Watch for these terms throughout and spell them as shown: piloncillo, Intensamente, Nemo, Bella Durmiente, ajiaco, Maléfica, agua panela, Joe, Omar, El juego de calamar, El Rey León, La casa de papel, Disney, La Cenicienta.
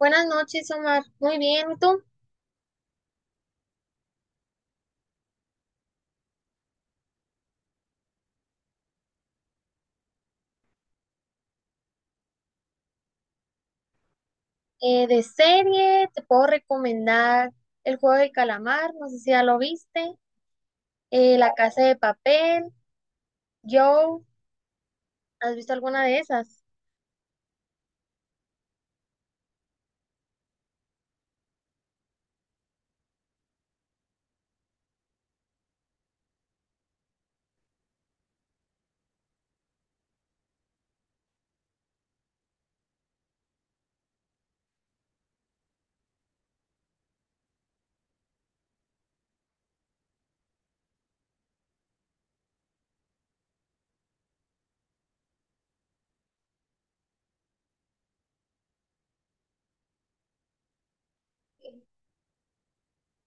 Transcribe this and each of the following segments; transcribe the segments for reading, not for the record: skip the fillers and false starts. Buenas noches, Omar. Muy bien, ¿y tú? De serie, te puedo recomendar El juego de calamar, no sé si ya lo viste, La casa de papel, Joe, ¿has visto alguna de esas?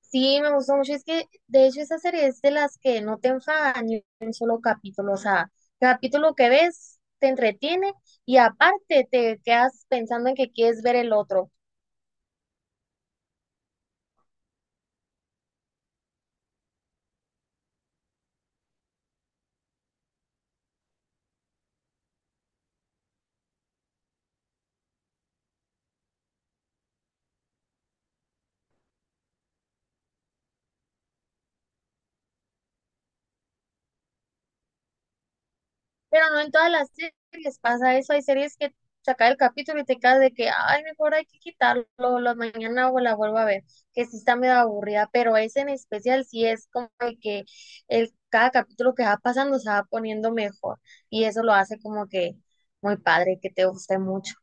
Sí, me gustó mucho, es que de hecho esa serie es de las que no te enfada ni un solo capítulo, o sea, capítulo que ves te entretiene y aparte te quedas pensando en que quieres ver el otro. Pero no en todas las series pasa eso. Hay series que saca el capítulo y te quedas de que, ay, mejor hay que quitarlo, la mañana o la vuelvo a ver, que sí está medio aburrida, pero ese en especial sí es como de que el, cada capítulo que va pasando se va poniendo mejor y eso lo hace como que muy padre, que te guste mucho.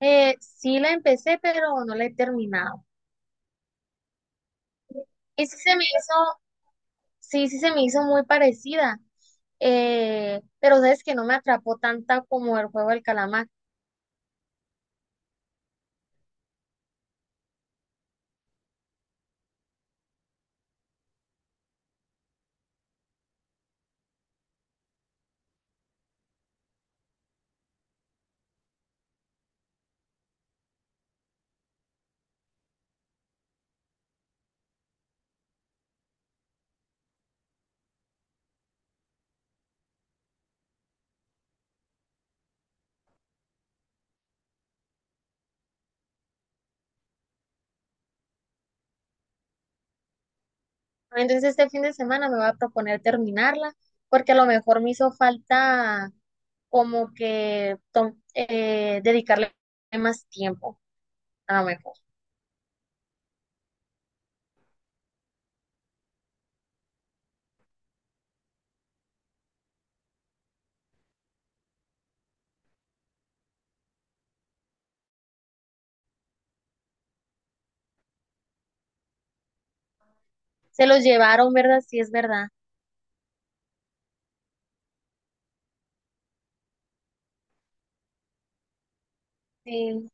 Sí la empecé, pero no la he terminado. Y sí se me hizo, sí se me hizo muy parecida, pero sabes que no me atrapó tanta como el juego del calamar. Entonces este fin de semana me voy a proponer terminarla porque a lo mejor me hizo falta como que dedicarle más tiempo, a lo mejor. Se los llevaron, ¿verdad? Sí, es verdad. Sí.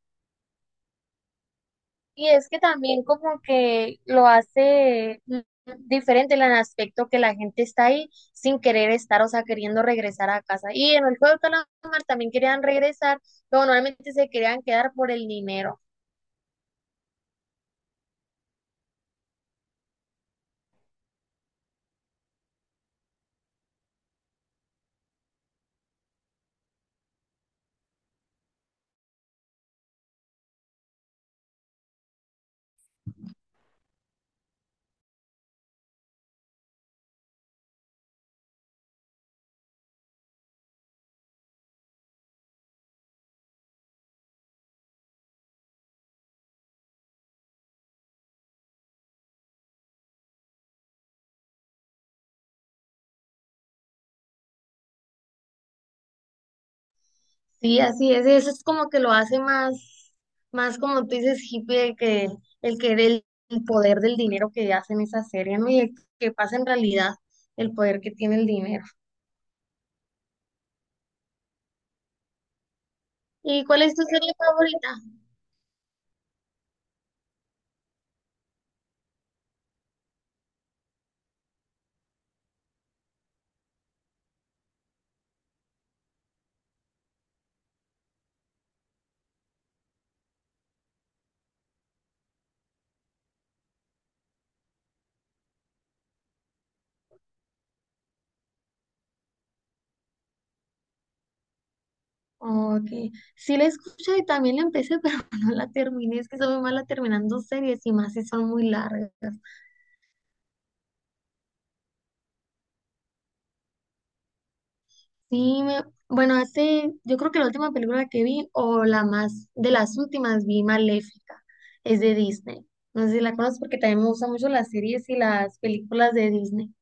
Y es que también como que lo hace diferente en el aspecto que la gente está ahí sin querer estar, o sea, queriendo regresar a casa. Y en el juego de calamar también querían regresar, pero normalmente se querían quedar por el dinero. Sí, así es, eso es como que lo hace más, más como tú dices, hippie, el que del el poder del dinero que hacen esa serie, ¿no? Y el que pasa en realidad el poder que tiene el dinero. ¿Y cuál es tu serie favorita? Ok, sí la escuché y también la empecé, pero no la terminé, es que soy muy mala terminando series y más si son muy largas. Sí, bueno, hace, yo creo que la última película que vi, o la más, de las últimas, vi Maléfica, es de Disney. No sé si la conoces porque también me gustan mucho las series y las películas de Disney.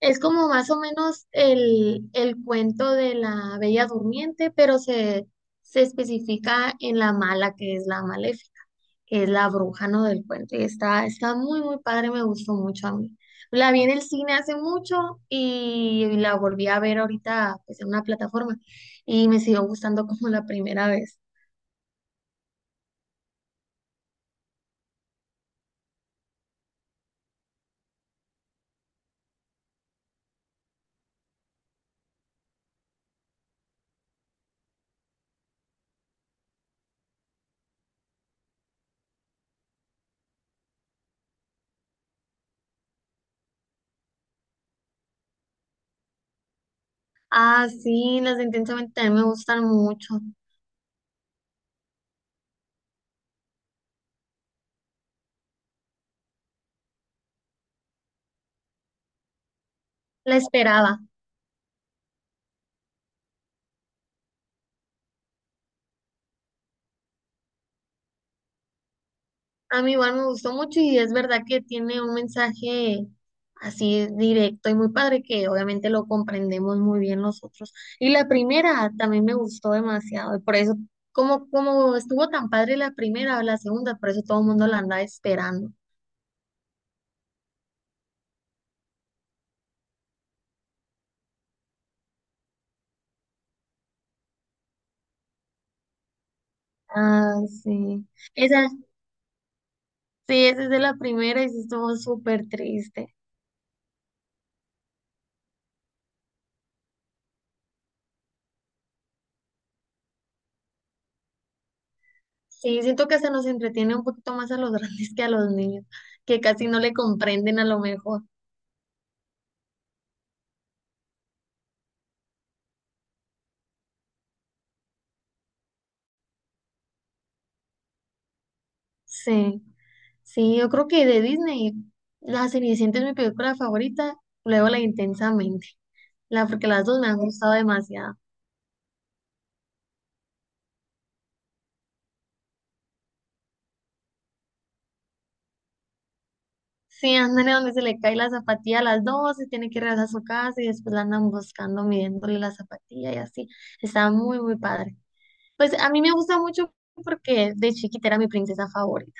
Es como más o menos el cuento de la Bella Durmiente, pero se especifica en la mala, que es la maléfica, que es la bruja, ¿no? del cuento. Y está, está muy, muy padre, me gustó mucho a mí. La vi en el cine hace mucho y la volví a ver ahorita pues, en una plataforma y me siguió gustando como la primera vez. Ah, sí, las de Intensamente también me gustan mucho. La esperaba. A mí igual me gustó mucho y es verdad que tiene un mensaje así directo y muy padre que obviamente lo comprendemos muy bien nosotros. Y la primera también me gustó demasiado y por eso, como, como estuvo tan padre la primera o la segunda, por eso todo el mundo la andaba esperando. Ah, sí. Esa, sí, esa es de la primera y sí estuvo súper triste. Sí, siento que se nos entretiene un poquito más a los grandes que a los niños, que casi no le comprenden a lo mejor. Sí. Sí, yo creo que de Disney, La Cenicienta es mi película favorita, luego la Intensamente, la, porque las dos me han gustado demasiado. Sí, andan donde se le cae la zapatilla a las dos, se tiene que regresar a su casa y después la andan buscando, midiéndole la zapatilla y así. Está muy, muy padre. Pues a mí me gusta mucho porque de chiquita era mi princesa favorita.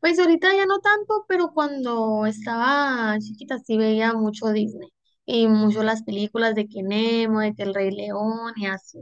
Pues ahorita ya no tanto, pero cuando estaba chiquita sí veía mucho Disney y mucho las películas de que Nemo, de que El Rey León y así.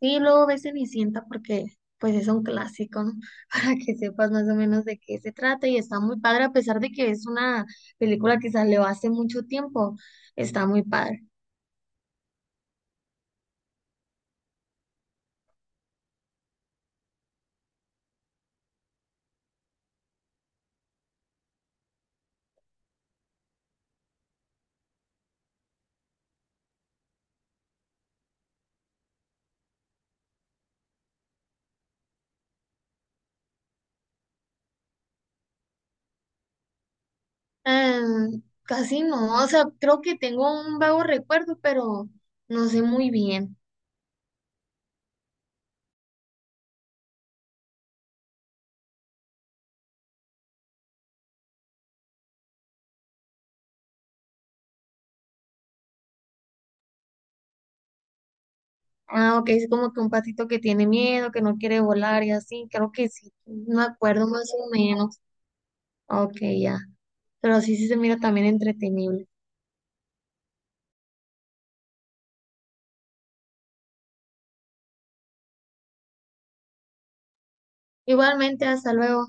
Sí, luego ves Cenicienta porque pues es un clásico, ¿no? Para que sepas más o menos de qué se trata y está muy padre, a pesar de que es una película que salió hace mucho tiempo, está muy padre. Casi no, o sea, creo que tengo un vago recuerdo, pero no sé muy bien. Ah, ok, es como que un patito que tiene miedo, que no quiere volar y así, creo que sí, me acuerdo más o menos. Ok, ya, pero sí, sí se mira también entretenible. Igualmente, hasta luego.